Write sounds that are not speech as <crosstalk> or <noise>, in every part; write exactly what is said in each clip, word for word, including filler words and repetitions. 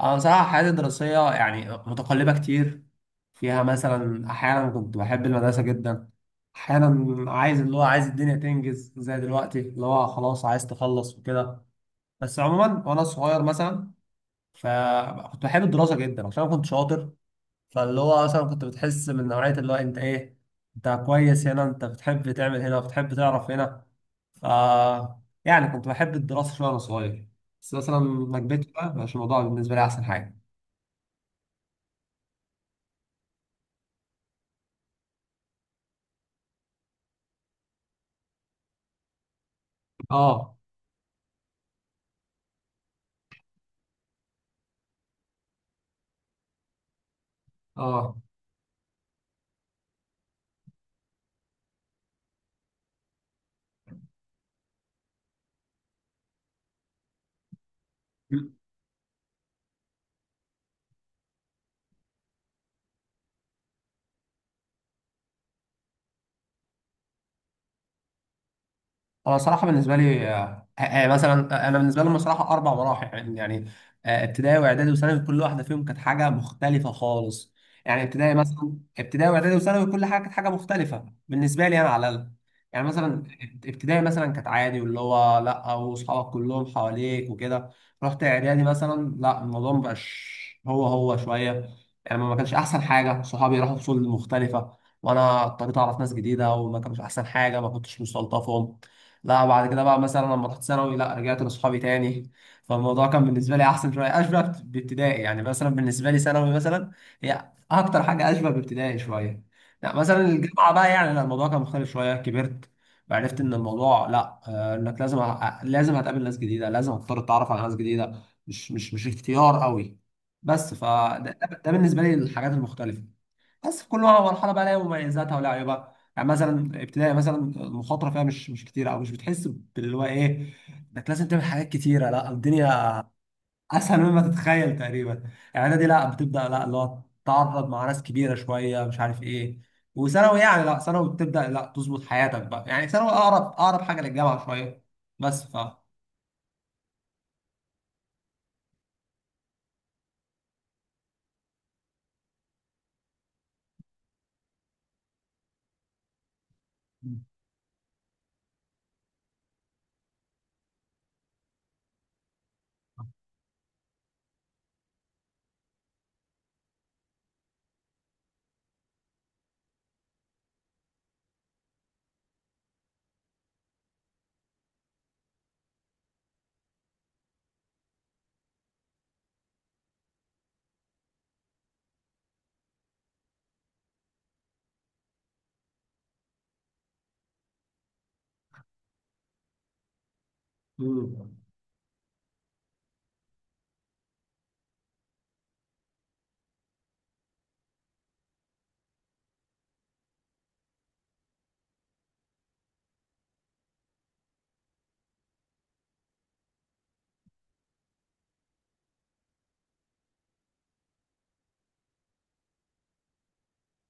أنا بصراحة حياتي الدراسية يعني متقلبة كتير، فيها مثلا أحيانا كنت بحب المدرسة جدا. أحيانا عايز اللي هو عايز الدنيا تنجز زي دلوقتي اللي هو خلاص عايز تخلص وكده. بس عموما وأنا صغير مثلا، فكنت بحب الدراسة جدا عشان أنا كنت شاطر. فاللي هو مثلا كنت بتحس من نوعية اللي هو أنت إيه، أنت كويس هنا، أنت بتحب تعمل هنا، بتحب تعرف هنا. ف يعني كنت بحب الدراسة شوية وأنا صغير، بس مثلا لما كبرت بقى مبقاش الموضوع بالنسبة لي أحسن حاجة. اه. اه. انا صراحه بالنسبه لي، آه، آه، آه، مثلا، آه، انا بالنسبه لهم صراحه اربع مراحل، يعني يعني، آه، ابتدائي واعدادي وثانوي، كل واحده فيهم كانت حاجه مختلفه خالص. يعني ابتدائي مثلا ابتدائي واعدادي وثانوي، كل حاجه كانت حاجه مختلفه بالنسبه لي انا على الاقل. يعني مثلا ابتدائي مثلا كانت عادي واللي هو لا، واصحابك كلهم حواليك وكده. رحت اعدادي مثلا لا، الموضوع مبقاش هو هو شويه، يعني ما كانش احسن حاجه، صحابي راحوا فصول مختلفه وانا اضطريت اعرف ناس جديده وما كانش احسن حاجه، ما كنتش مستلطفهم. لا بعد كده بقى مثلا لما رحت ثانوي لا، رجعت لاصحابي تاني، فالموضوع كان بالنسبه لي احسن شويه، اشبه بابتدائي، يعني مثلا بالنسبه لي ثانوي مثلا هي اكتر حاجه اشبه بابتدائي شويه. لا مثلا الجامعه بقى يعني لا، الموضوع كان مختلف شويه، كبرت وعرفت ان الموضوع لا، آه، انك لازم ه- لازم هتقابل ناس جديده، لازم هتضطر تتعرف على ناس جديده، مش مش مش اختيار قوي. بس فده ده ده بالنسبه لي الحاجات المختلفه، بس كل مرحله بقى لها مميزاتها ولها عيوبها. يعني مثلا ابتدائي مثلا المخاطره فيها مش مش كتير، او مش بتحس باللي هو ايه، انك لازم تعمل حاجات كتيره، لا الدنيا اسهل مما تتخيل تقريبا، يعني دي لا بتبدا لا اللي هو تتعرض مع ناس كبيره شويه، مش عارف ايه. وثانوي يعني لا، ثانوي بتبدا لا تظبط حياتك بقى، يعني ثانوي اقرب اقرب حاجه للجامعه شويه، بس ف مم.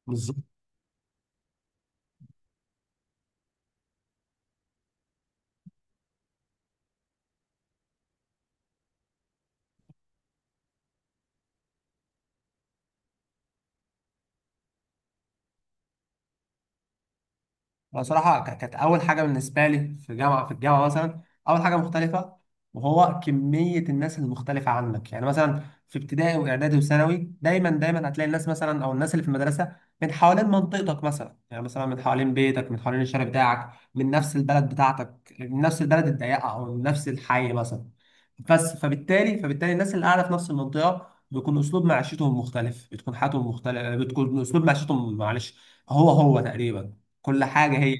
بالظبط. بصراحة ك- كانت أول حاجة بالنسبة لي في جامعة في الجامعة مثلا، أول حاجة مختلفة، وهو كمية الناس المختلفة عنك. يعني مثلا في ابتدائي وإعدادي وثانوي دايما دايما هتلاقي الناس مثلا، أو الناس اللي في المدرسة من حوالين منطقتك، مثلا يعني مثلا من حوالين بيتك، من حوالين الشارع بتاعك، من نفس البلد بتاعتك، من نفس البلد الضيقة أو من نفس الحي مثلا. بس فبالتالي فبالتالي الناس اللي قاعدة في نفس المنطقة بيكون أسلوب معيشتهم مختلف، بتكون حياتهم مختلفة، بتكون أسلوب معيشتهم، معلش هو هو تقريبا، كل حاجه هي هي.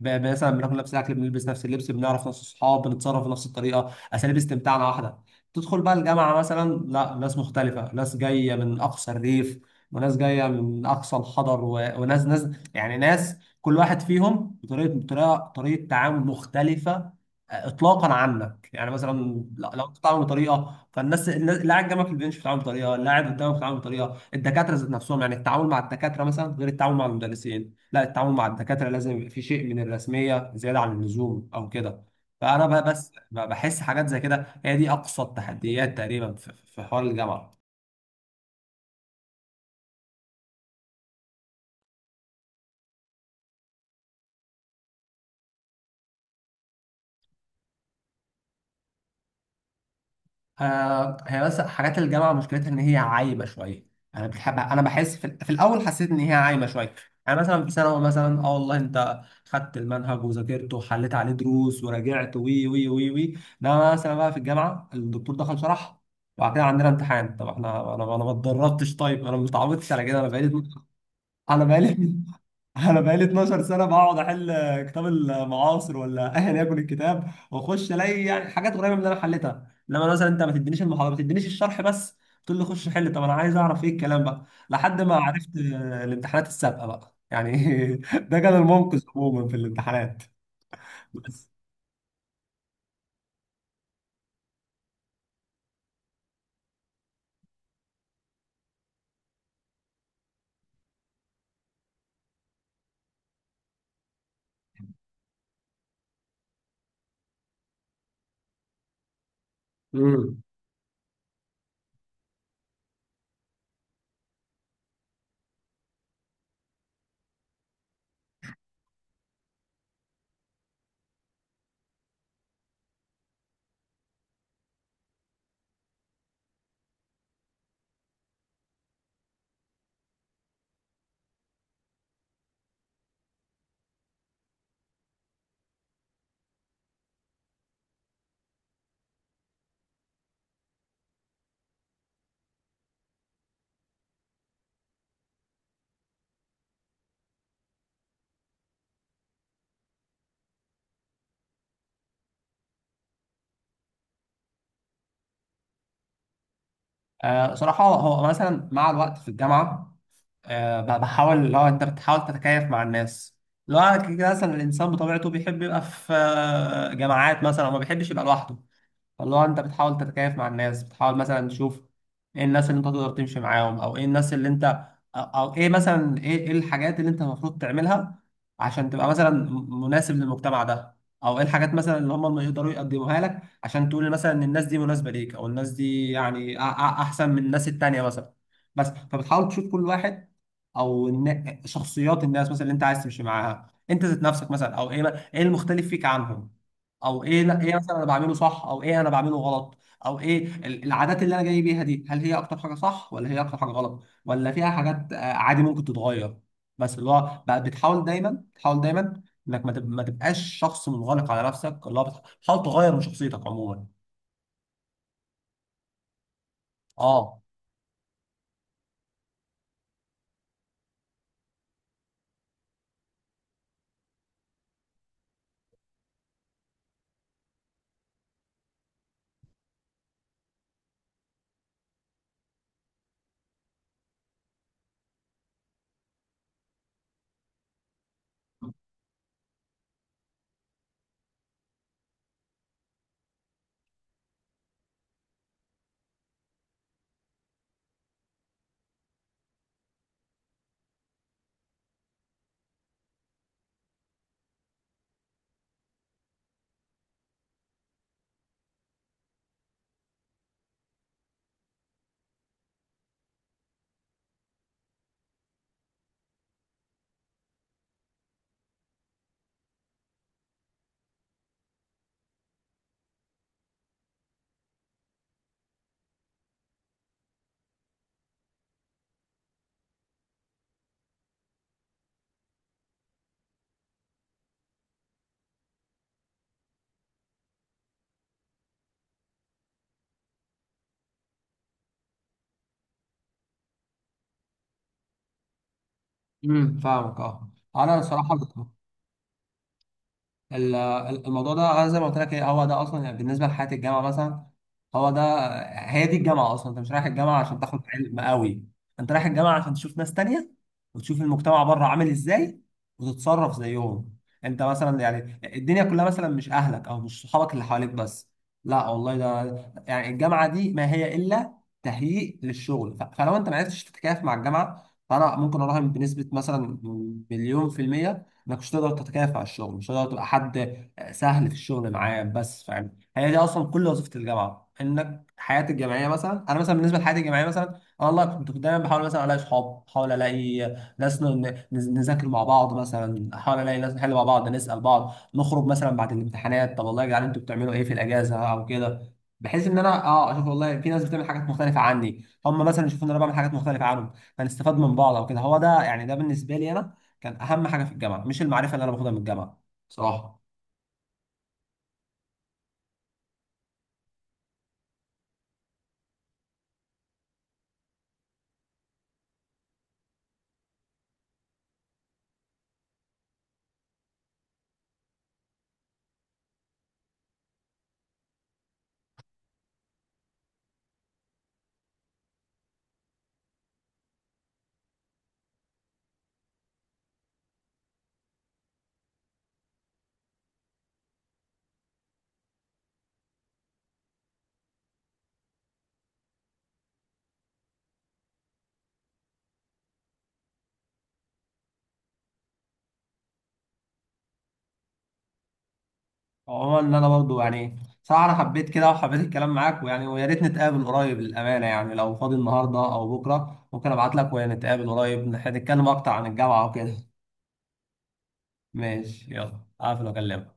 ب- مثلا بناكل نفس الاكل، بنلبس نفس اللبس، بنعرف نفس الصحاب، بنتصرف بنفس الطريقه، اساليب استمتاعنا واحده. تدخل بقى الجامعه مثلا لا، ناس مختلفه، ناس جايه من اقصى الريف، وناس جايه من اقصى الحضر، و... وناس ناس يعني، ناس كل واحد فيهم بطريقه بطريقه طريقه تعامل مختلفه آه، اطلاقا عنك. يعني مثلا لا- لو انت بتتعامل بطريقه، فالناس الناس- اللي قاعد جنبك في البنش بتتعامل بطريقه، اللي قاعد قدامك بتتعامل بطريقه، الدكاتره ذات نفسهم، يعني التعامل مع الدكاتره مثلا غير التعامل مع المدرسين. لا التعامل مع الدكاترة لازم يبقى فيه شيء من الرسمية زيادة عن اللزوم أو كده. فأنا بقى بس ب- بحس حاجات زي كده، هي دي أقصى التحديات تقريبا في في- في حوار الجامعة. آه، هي بس حاجات الجامعة مشكلتها إن هي عايمة شوية. أنا بحب أنا بحس في, ال- في الأول حسيت إن هي عايمة شوية. يعني مثلا في ثانوي مثلا أه والله أنت خدت المنهج وذاكرته وحليت عليه دروس وراجعت وي وي وي وي، ده مثلا بقى في الجامعة الدكتور دخل شرح وبعد كده عندنا امتحان. طب احنا انا انا ما اتدربتش، طيب انا ما اتعودتش على كده، انا بقالي انا بقالي <laughs> انا بقالي اتناشر سنه بقعد احل كتاب المعاصر ولا ايا يكن الكتاب، واخش الاقي يعني حاجات قريبه من اللي انا حليتها، انما مثلا انت ما تدينيش المحاضره، ما تدينيش الشرح، بس تقول لي خش حل. طب انا عايز اعرف ايه الكلام بقى، لحد ما عرفت آه، الامتحانات السابقه بقى يعني، <laughs> ده كان المنقذ عموما في الامتحانات. بس. امم آه، صراحه هو مثلا مع الوقت في الجامعه، آه، ب- بحاول، اللي هو انت بتحاول تتكيف مع الناس، لو أنا كده كده. مثلا الانسان بطبيعته بيحب يبقى في آه، جماعات مثلا، وما بيحبش يبقى لوحده، فاللي هو انت بتحاول تتكيف مع الناس، بتحاول مثلا تشوف ايه الناس اللي انت تقدر تمشي معاهم، او ايه الناس اللي انت، او أو ايه مثلا، ايه إيه الحاجات اللي انت المفروض تعملها عشان تبقى مثلا م- مناسب للمجتمع ده، او ايه الحاجات مثلا اللي هم يقدروا يقدموها لك، عشان تقول مثلا ان الناس دي مناسبة ليك، او الناس دي يعني أ- أ- احسن من الناس التانية مثلا. بس فبتحاول تشوف كل واحد، او الن- شخصيات الناس مثلا اللي انت عايز تمشي معاها، انت ذات نفسك مثلا، او ايه ايه المختلف فيك عنهم، او ايه لا، ايه مثلا انا بعمله صح، او ايه انا بعمله غلط، او ايه ال- العادات اللي انا جاي بيها دي، هل هي اكتر حاجه صح، ولا هي اكتر حاجه غلط، ولا فيها حاجات آه، عادي ممكن تتغير. بس اللي هو بقى بتحاول دايما، بتحاول دايما انك ما تب- ما تبقاش شخص منغلق على نفسك، اللي هو بتحاول تغير من شخصيتك عموما. اه. امم، فاهمك. اه، انا صراحه، ال- الموضوع ده زي ما قلت لك إيه، هو ده اصلا، يعني بالنسبه لحياه الجامعه مثلا، هو ده، هي دي الجامعه اصلا. انت مش رايح الجامعه عشان تاخد علم قوي، انت رايح الجامعه عشان تشوف ناس تانية، وتشوف المجتمع بره عامل ازاي، وتتصرف زيهم. انت مثلا يعني الدنيا كلها مثلا مش اهلك او مش صحابك اللي حواليك بس، لا والله، ده يعني الجامعه دي ما هي الا تهيئ للشغل. ف- فلو انت ما عرفتش تتكيف مع الجامعه، فانا ممكن اراهن بنسبه مثلا مليون في الميه انك مش هتقدر تتكافئ على الشغل، مش هتقدر تبقى حد سهل في الشغل معاه. بس فاهم، هي دي اصلا كل وظيفه الجامعه، انك حياتي الجامعيه مثلا، انا مثلا بالنسبه لحياتي الجامعيه مثلا، انا والله كنت دايما بحاول مثلا الاقي صحاب، بحاول الاقي ناس ن- نز- نذاكر مع بعض مثلا، احاول الاقي ناس نحل مع بعض، نسال بعض، نخرج مثلا بعد الامتحانات، طب والله يا جدعان انتوا بتعملوا ايه في الاجازه او كده، بحيث ان انا اه اشوف والله في ناس بتعمل حاجات مختلفه عني، هم مثلا يشوفوا ان انا بعمل حاجات مختلفه عنهم، فنستفاد من بعض او كده. هو ده يعني، ده بالنسبه لي انا كان اهم حاجه في الجامعه، مش المعرفه اللي انا باخدها من الجامعه، صراحه. عموما ان انا برضو يعني، صراحه انا حبيت كده، وحبيت الكلام معاك، ويعني ويا ريت نتقابل قريب للامانه. يعني لو فاضي النهارده او بكره ممكن ابعت لك، ونتقابل قريب نتكلم اكتر عن الجامعه وكده. ماشي، يلا اقفل واكلمك.